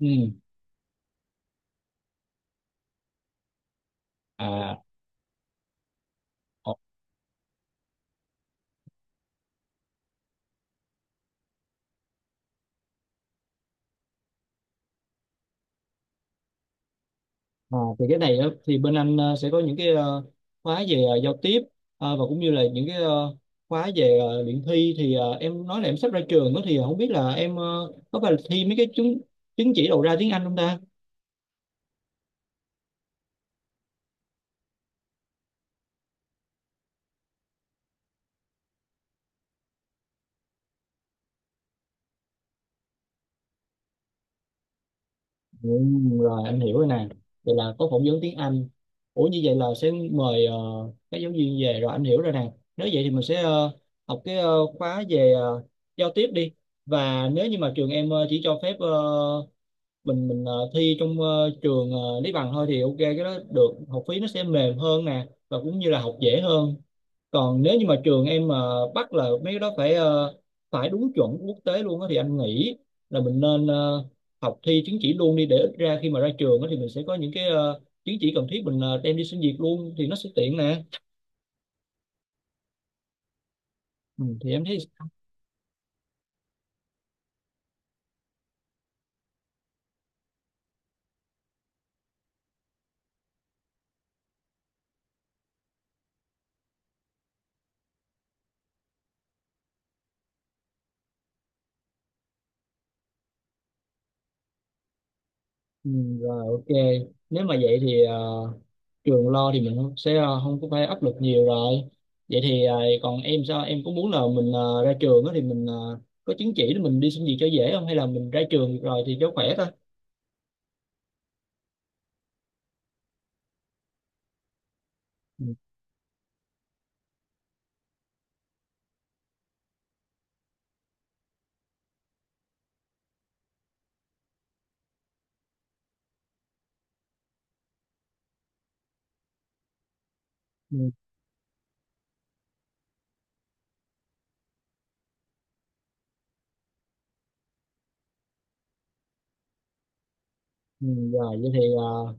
Ừ. À, ờ, ờ, thì cái này á, thì bên anh sẽ có những cái khóa về giao tiếp và cũng như là những cái khóa về luyện thi thì em nói là em sắp ra trường đó, thì không biết là em có phải là thi mấy cái chứng chứng chỉ đầu ra tiếng Anh không ta? Ừ, rồi anh hiểu rồi nè. Vậy là có phỏng vấn tiếng Anh. Ủa như vậy là sẽ mời các giáo viên về rồi anh hiểu rồi nè. Nếu vậy thì mình sẽ học cái khóa về giao tiếp đi. Và nếu như mà trường em chỉ cho phép mình thi trong trường Lý Bằng thôi thì ok, cái đó được, học phí nó sẽ mềm hơn nè và cũng như là học dễ hơn. Còn nếu như mà trường em mà bắt là mấy cái đó phải phải đúng chuẩn quốc tế luôn á thì anh nghĩ là mình nên học thi chứng chỉ luôn đi để ít ra khi mà ra trường á thì mình sẽ có những cái chứng chỉ cần thiết, mình đem đi xin việc luôn thì nó sẽ tiện nè. Ừ, thì em thấy. Ừ, rồi ok, nếu mà vậy thì trường lo thì mình không- sẽ không có phải áp lực nhiều rồi. Vậy thì còn em sao, em có muốn là mình ra trường á thì mình có chứng chỉ để mình đi xin việc cho dễ không, hay là mình ra trường rồi thì cho khỏe thôi? ừ, ừ, ừ, Rồi vậy thì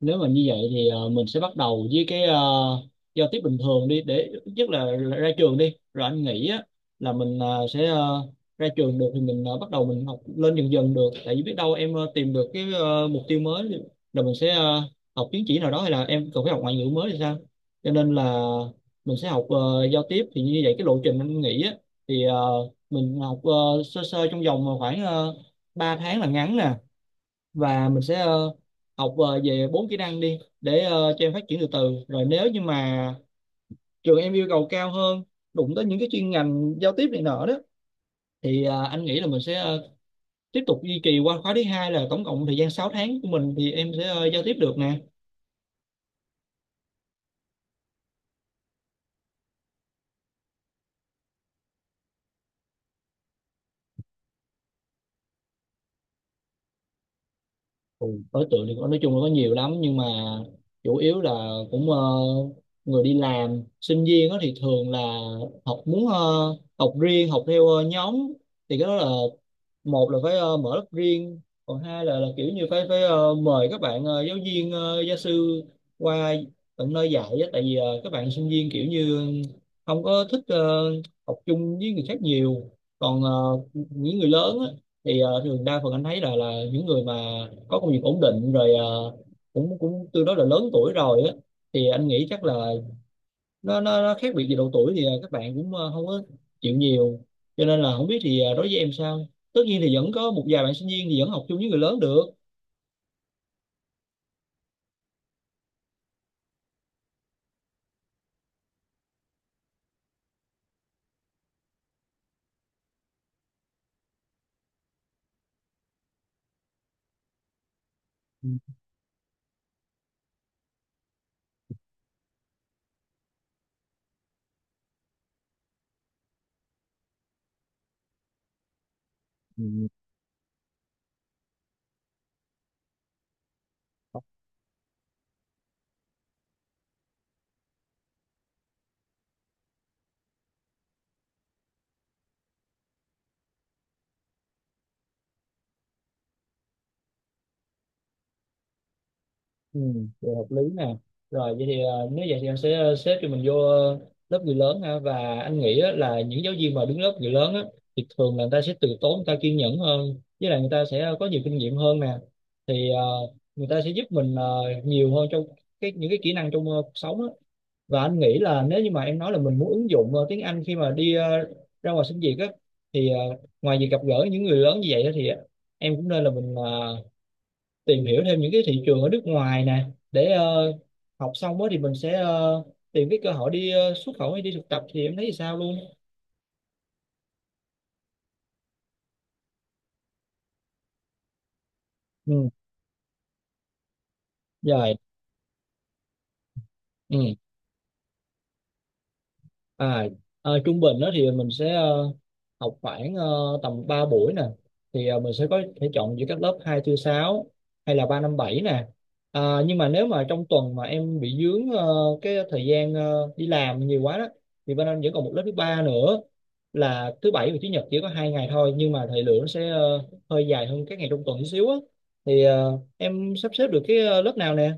nếu mà như vậy thì mình sẽ bắt đầu với cái giao tiếp bình thường đi để nhất là ra trường đi rồi anh nghĩ á, là mình sẽ ra trường được thì mình bắt đầu mình học lên dần dần được, tại vì biết đâu em tìm được cái mục tiêu mới rồi mình sẽ học chứng chỉ nào đó, hay là em cần phải học ngoại ngữ mới thì sao. Cho nên là mình sẽ học giao tiếp. Thì như vậy cái lộ trình anh nghĩ á, thì mình học sơ sơ trong vòng khoảng uh, 3 tháng là ngắn nè, và mình sẽ học về bốn kỹ năng đi để cho em phát triển từ từ, rồi nếu như mà trường em yêu cầu cao hơn, đụng tới những cái chuyên ngành giao tiếp này nọ đó thì anh nghĩ là mình sẽ tiếp tục duy trì qua khóa thứ hai, là tổng cộng thời gian 6 tháng của mình thì em sẽ giao tiếp được nè. Ừ, đối tượng thì nói chung là có nhiều lắm, nhưng mà chủ yếu là cũng người đi làm. Sinh viên đó thì thường là học muốn học riêng, học theo nhóm, thì cái đó là một là phải mở lớp riêng, còn hai là kiểu như phải phải ờ, mời các bạn giáo viên gia sư qua tận nơi dạy á, tại vì các bạn sinh viên kiểu như không có thích học chung với người khác nhiều. Còn những người lớn á thì thường đa phần anh thấy là những người mà có công việc ổn định rồi, cũng cũng tương đối là lớn tuổi rồi á, thì anh nghĩ chắc là nó khác biệt về độ tuổi thì các bạn cũng không có chịu nhiều, cho nên là không biết thì đối với em sao. Tất nhiên thì vẫn có một vài bạn sinh viên thì vẫn học chung với người lớn được. Ừ. Ừ, vậy hợp lý nè. Rồi vậy thì nếu vậy thì em sẽ xếp cho mình vô lớp người lớn ha, và anh nghĩ á, là những giáo viên mà đứng lớp người lớn á, thì thường là người ta sẽ từ tốn, người ta kiên nhẫn hơn, với lại người ta sẽ có nhiều kinh nghiệm hơn nè. Thì người ta sẽ giúp mình nhiều hơn trong cái những cái kỹ năng trong cuộc sống á. Và anh nghĩ là nếu như mà em nói là mình muốn ứng dụng tiếng Anh khi mà đi ra ngoài xin việc á, thì ngoài việc gặp gỡ những người lớn như vậy á, thì em cũng nên là mình tìm hiểu thêm những cái thị trường ở nước ngoài nè, để học xong á thì mình sẽ tìm cái cơ hội đi xuất khẩu hay đi thực tập thì em thấy thì sao luôn. Ừ rồi ừ. À, trung bình đó thì mình sẽ học khoảng tầm 3 buổi nè. Thì mình sẽ có thể chọn giữa các lớp 2, tư, 6 hay là 3, 5, 7 nè. À, nhưng mà nếu mà trong tuần mà em bị dướng cái thời gian đi làm nhiều quá đó, thì bên anh vẫn còn một lớp thứ ba nữa là thứ bảy và chủ nhật, chỉ có hai ngày thôi, nhưng mà thời lượng nó sẽ hơi dài hơn các ngày trong tuần chút xíu á. Thì em sắp xếp được cái lớp nào nè?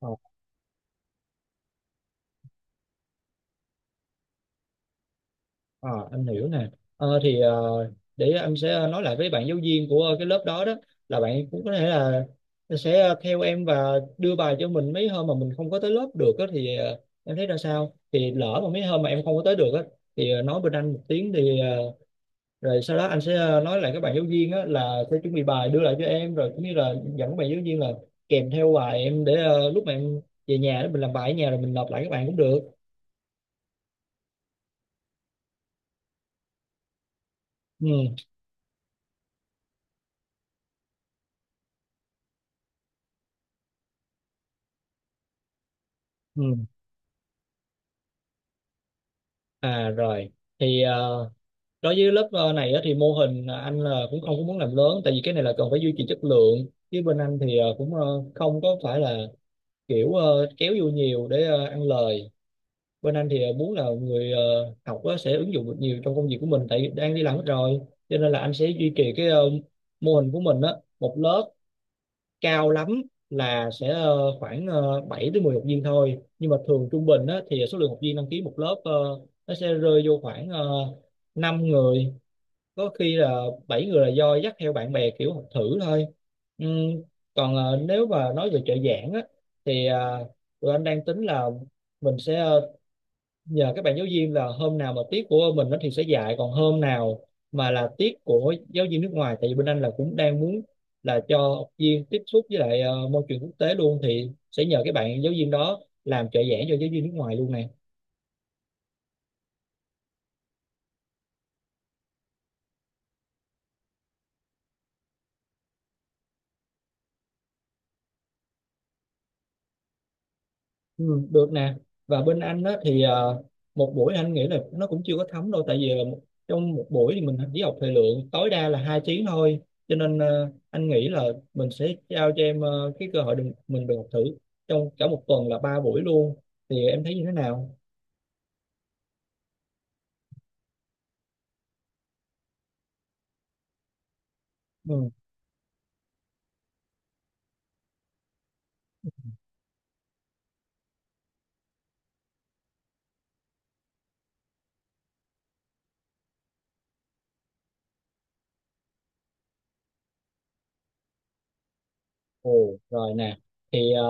Ừ. Ờ, em hiểu nè. Ờ, thì để em sẽ nói lại với bạn giáo viên của cái lớp đó đó, là bạn cũng có thể là sẽ theo em và đưa bài cho mình mấy hôm mà mình không có tới lớp được á, thì em thấy ra sao? Thì lỡ mà mấy hôm mà em không có tới được á, thì nói bên anh một tiếng, thì rồi sau đó anh sẽ nói lại các bạn giáo viên á, là sẽ chuẩn bị bài đưa lại cho em, rồi cũng như là dẫn các bạn giáo viên là kèm theo bài em, để lúc mà em về nhà đó, mình làm bài ở nhà rồi mình nộp lại các bạn cũng được. Ừ, ừ. à rồi thì đối với lớp này á, thì mô hình anh là cũng không có muốn làm lớn, tại vì cái này là cần phải duy trì chất lượng, chứ bên anh thì cũng không có phải là kiểu kéo vô nhiều để ăn lời. Bên anh thì muốn là người học á, sẽ ứng dụng được nhiều trong công việc của mình, tại vì đang đi làm hết rồi, cho nên là anh sẽ duy trì cái mô hình của mình á. Một lớp cao lắm là sẽ khoảng 7 đến 10 học viên thôi, nhưng mà thường trung bình á, thì số lượng học viên đăng ký một lớp nó sẽ rơi vô khoảng uh, 5 người, có khi là bảy người là do dắt theo bạn bè kiểu học thử thôi. Ừm, còn nếu mà nói về trợ giảng á, thì tụi anh đang tính là mình sẽ nhờ các bạn giáo viên là hôm nào mà tiết của mình nó thì sẽ dạy, còn hôm nào mà là tiết của giáo viên nước ngoài, tại vì bên anh là cũng đang muốn là cho học viên tiếp xúc với lại môi trường quốc tế luôn, thì sẽ nhờ các bạn giáo viên đó làm trợ giảng cho giáo viên nước ngoài luôn nè. Ừ, được nè. Và bên anh đó thì một buổi anh nghĩ là nó cũng chưa có thấm đâu, tại vì là trong một buổi thì mình chỉ học thời lượng tối đa là hai tiếng thôi, cho nên anh nghĩ là mình sẽ trao cho em cái cơ hội đừng, mình được học thử trong cả một tuần là ba buổi luôn. Thì em thấy như thế nào? Ừ. Ồ, rồi nè. Thì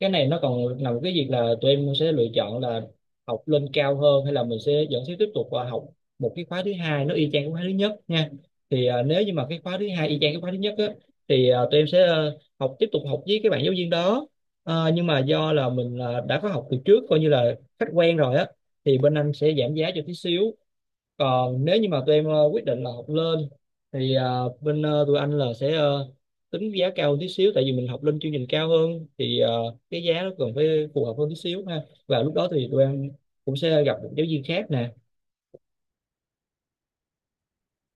cái này nó còn nằm cái việc là tụi em sẽ lựa chọn là học lên cao hơn, hay là mình sẽ vẫn sẽ tiếp tục học một cái khóa thứ hai nó y chang cái khóa thứ nhất nha. Thì nếu như mà cái khóa thứ hai y chang cái khóa thứ nhất á, thì tụi em sẽ học tiếp tục học với cái bạn giáo viên đó. Ờ, nhưng mà do là mình đã có học từ trước, coi như là khách quen rồi á, thì bên anh sẽ giảm giá cho tí xíu. Còn nếu như mà tụi em quyết định là học lên, thì tụi anh là sẽ tính giá cao hơn tí xíu, tại vì mình học lên chương trình cao hơn thì cái giá nó cần phải phù hợp hơn tí xíu ha. Và lúc đó thì tụi em cũng sẽ gặp một giáo viên khác nè.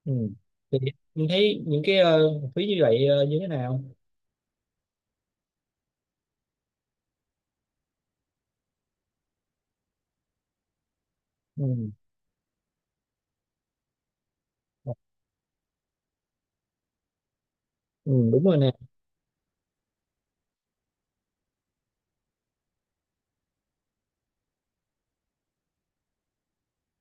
Ừ. Thì em thấy những cái học phí như vậy như thế nào? Ừ. ừ, đúng rồi nè.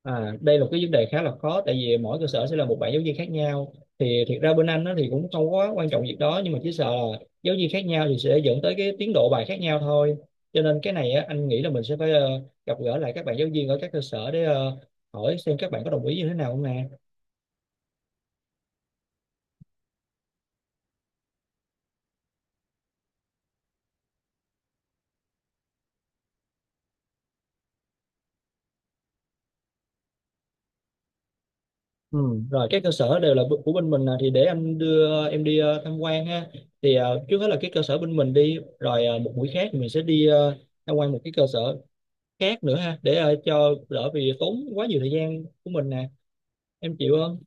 À, đây là một cái vấn đề khá là khó, tại vì mỗi cơ sở sẽ là một bạn giáo viên khác nhau. Thì thiệt ra bên anh nó thì cũng không quá quan trọng việc đó, nhưng mà chỉ sợ là giáo viên khác nhau thì sẽ dẫn tới cái tiến độ bài khác nhau thôi. Cho nên cái này á, anh nghĩ là mình sẽ phải gặp gỡ lại các bạn giáo viên ở các cơ sở, để hỏi xem các bạn có đồng ý như thế nào không nè. Ừ, rồi các cơ sở đều là của bên mình nè, thì để anh đưa em đi tham quan ha. Thì trước hết là cái cơ sở bên mình đi, rồi một buổi khác thì mình sẽ đi tham quan một cái cơ sở khác nữa ha, để cho đỡ vì tốn quá nhiều thời gian của mình nè. Em chịu không?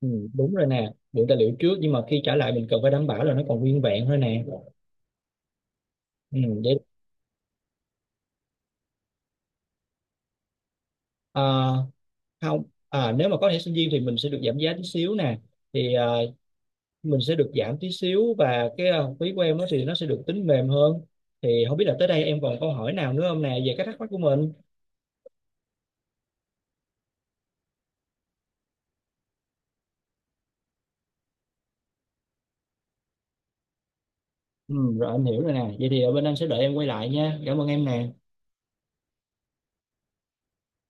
Ừ, đúng rồi nè, mượn tài liệu trước, nhưng mà khi trả lại mình cần phải đảm bảo là nó còn nguyên vẹn thôi nè. Ừ, để. ờ, Không. À, nếu mà có thẻ sinh viên thì mình sẽ được giảm giá tí xíu nè. Thì mình sẽ được giảm tí xíu, và cái học phí của em đó thì nó sẽ được tính mềm hơn. Thì không biết là tới đây em còn câu hỏi nào nữa không nè, về cái thắc mắc của mình. Ừ, rồi anh hiểu rồi nè. Vậy thì ở bên anh sẽ đợi em quay lại nha. Cảm ơn em nè.